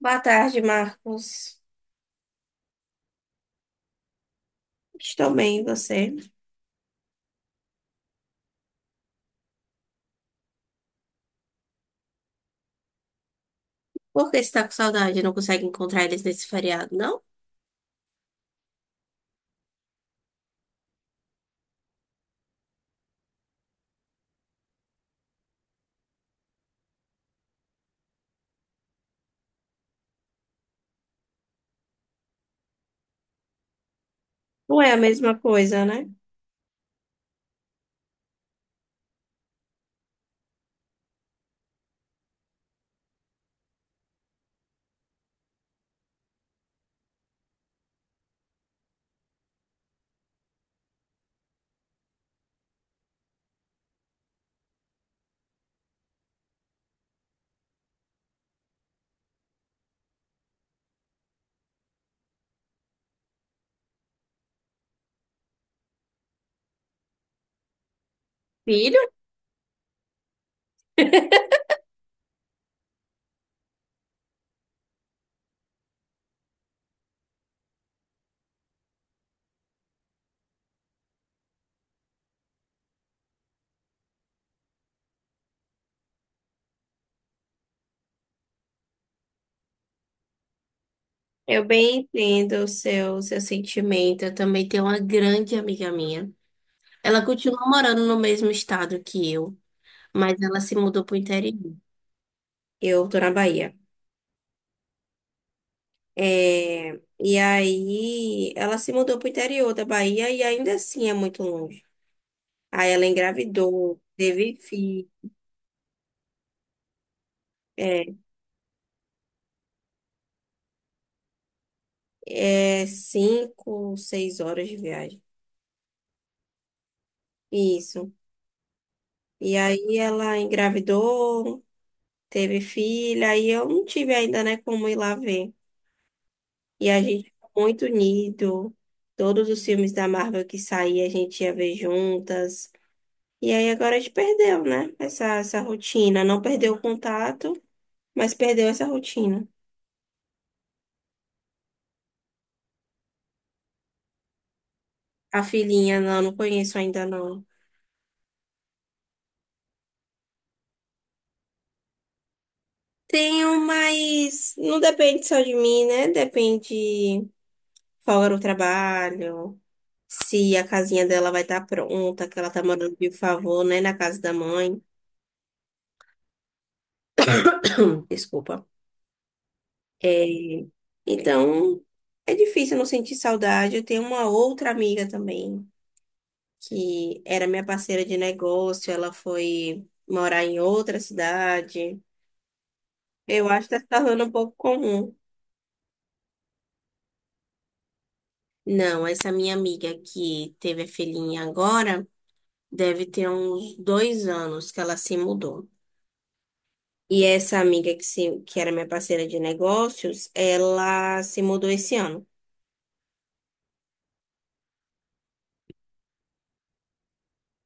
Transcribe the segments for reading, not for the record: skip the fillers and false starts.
Boa tarde, Marcos. Estou bem, e você? Por que você está com saudade? Não consegue encontrar eles nesse feriado, não? Não é a mesma coisa, né? Filho, eu bem entendo o seu sentimento. Eu também tenho uma grande amiga minha. Ela continua morando no mesmo estado que eu, mas ela se mudou para o interior. Eu tô na Bahia. É, e aí, ela se mudou para o interior da Bahia e ainda assim é muito longe. Aí ela engravidou, teve filho. É, é cinco, seis horas de viagem. Isso. E aí ela engravidou, teve filha, e eu não tive ainda, né, como ir lá ver. E a gente ficou muito unido. Todos os filmes da Marvel que saía, a gente ia ver juntas. E aí agora a gente perdeu, né? Essa rotina. Não perdeu o contato, mas perdeu essa rotina. A filhinha, não, não conheço ainda, não. Tenho, mas não depende só de mim, né? Depende. Folga no trabalho, se a casinha dela vai estar pronta, que ela tá morando de favor, né, na casa da mãe. Desculpa. É, então, é difícil não sentir saudade. Eu tenho uma outra amiga também, que era minha parceira de negócio, ela foi morar em outra cidade. Eu acho que está se tornando um pouco comum. Não, essa minha amiga que teve a filhinha agora deve ter uns dois anos que ela se mudou. E essa amiga que, se, que era minha parceira de negócios, ela se mudou esse ano.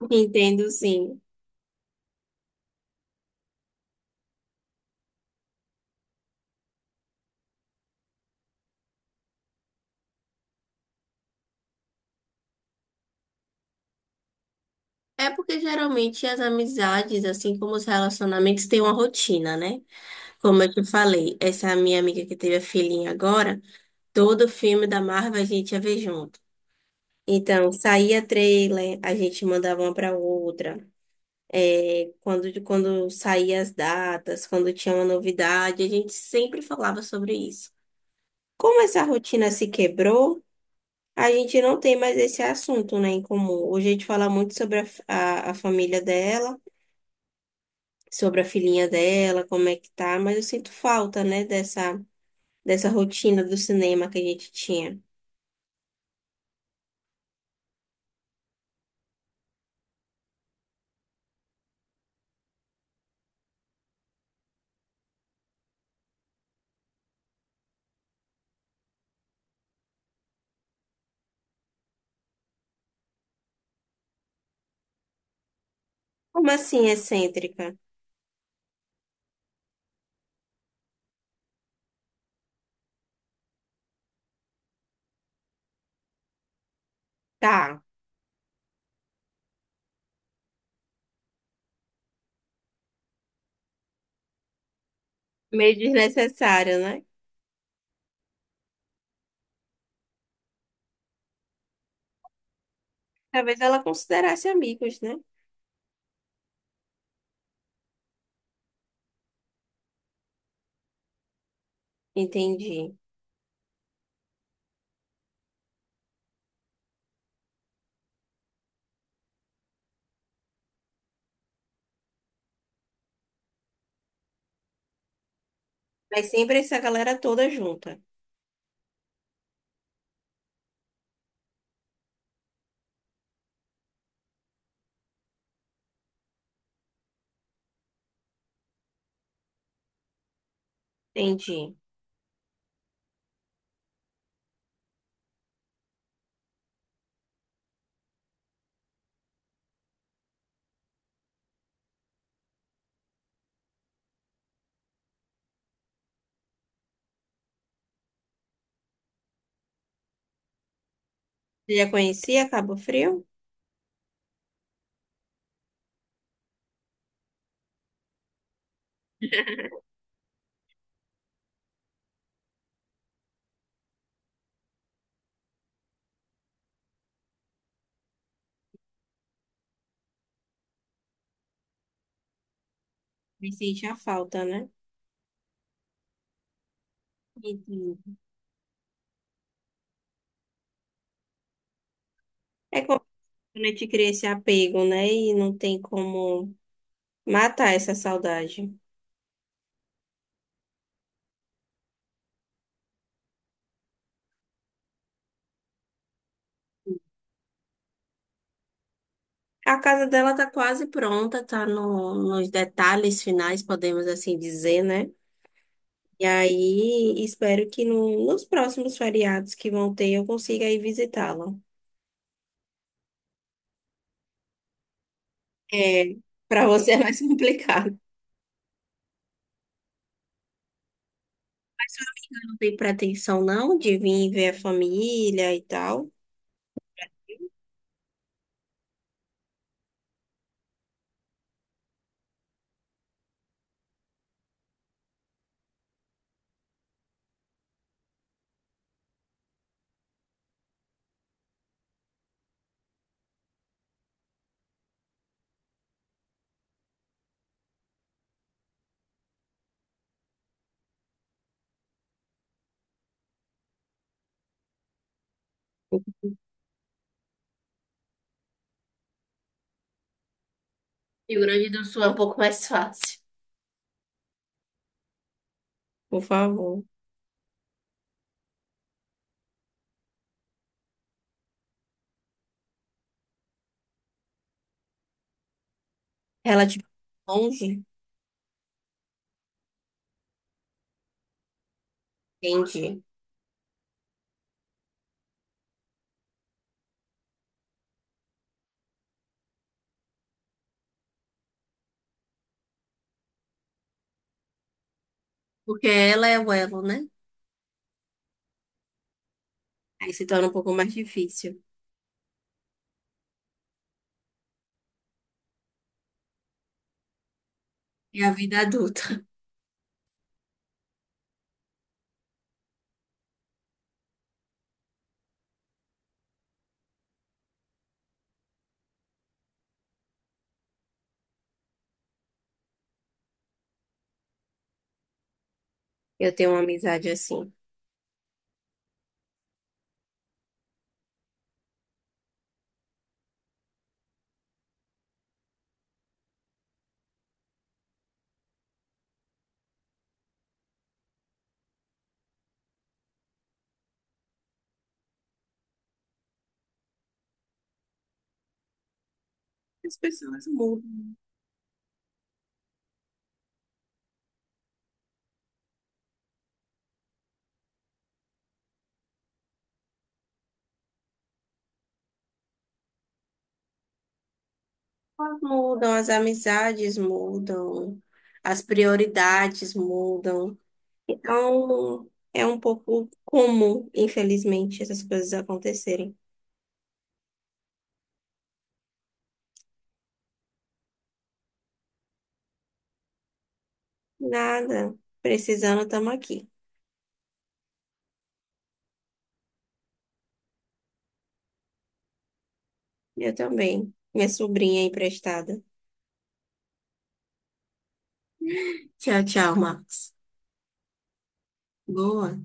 Entendo, sim. É porque geralmente as amizades, assim como os relacionamentos, têm uma rotina, né? Como eu te falei, essa minha amiga que teve a filhinha agora, todo filme da Marvel a gente ia ver junto. Então, saía trailer, a gente mandava uma para outra. É, quando saía as datas, quando tinha uma novidade, a gente sempre falava sobre isso. Como essa rotina se quebrou, a gente não tem mais esse assunto, né, em comum. Hoje a gente fala muito sobre a família dela, sobre a filhinha dela, como é que tá, mas eu sinto falta, né, dessa, dessa rotina do cinema que a gente tinha. Como assim, excêntrica? Tá, meio desnecessário, né? Talvez ela considerasse amigos, né? Entendi. Mas sempre essa galera toda junta. Entendi. Você já conhecia Cabo Frio? Me sentia falta, né? Entendi. É. Quando a gente cria esse apego, né? E não tem como matar essa saudade. A casa dela tá quase pronta, tá nos detalhes finais, podemos assim dizer, né? E aí, espero que nos próximos feriados que vão ter, eu consiga ir visitá-la. É, para você é mais complicado. Não tem pretensão, não, de vir ver a família e tal. Rio Grande do Sul é um pouco mais fácil. Por favor. Ela, tipo, longe? Entendi. Porque ela é o elo, né? Aí se torna um pouco mais difícil. É a vida adulta. Eu tenho uma amizade assim. As pessoas mudam. Elas mudam, as amizades mudam, as prioridades mudam. Então, é um pouco comum, infelizmente, essas coisas acontecerem. Nada. Precisando, estamos aqui. Eu também. Minha sobrinha é emprestada. Tchau, tchau, Marcos. Boa.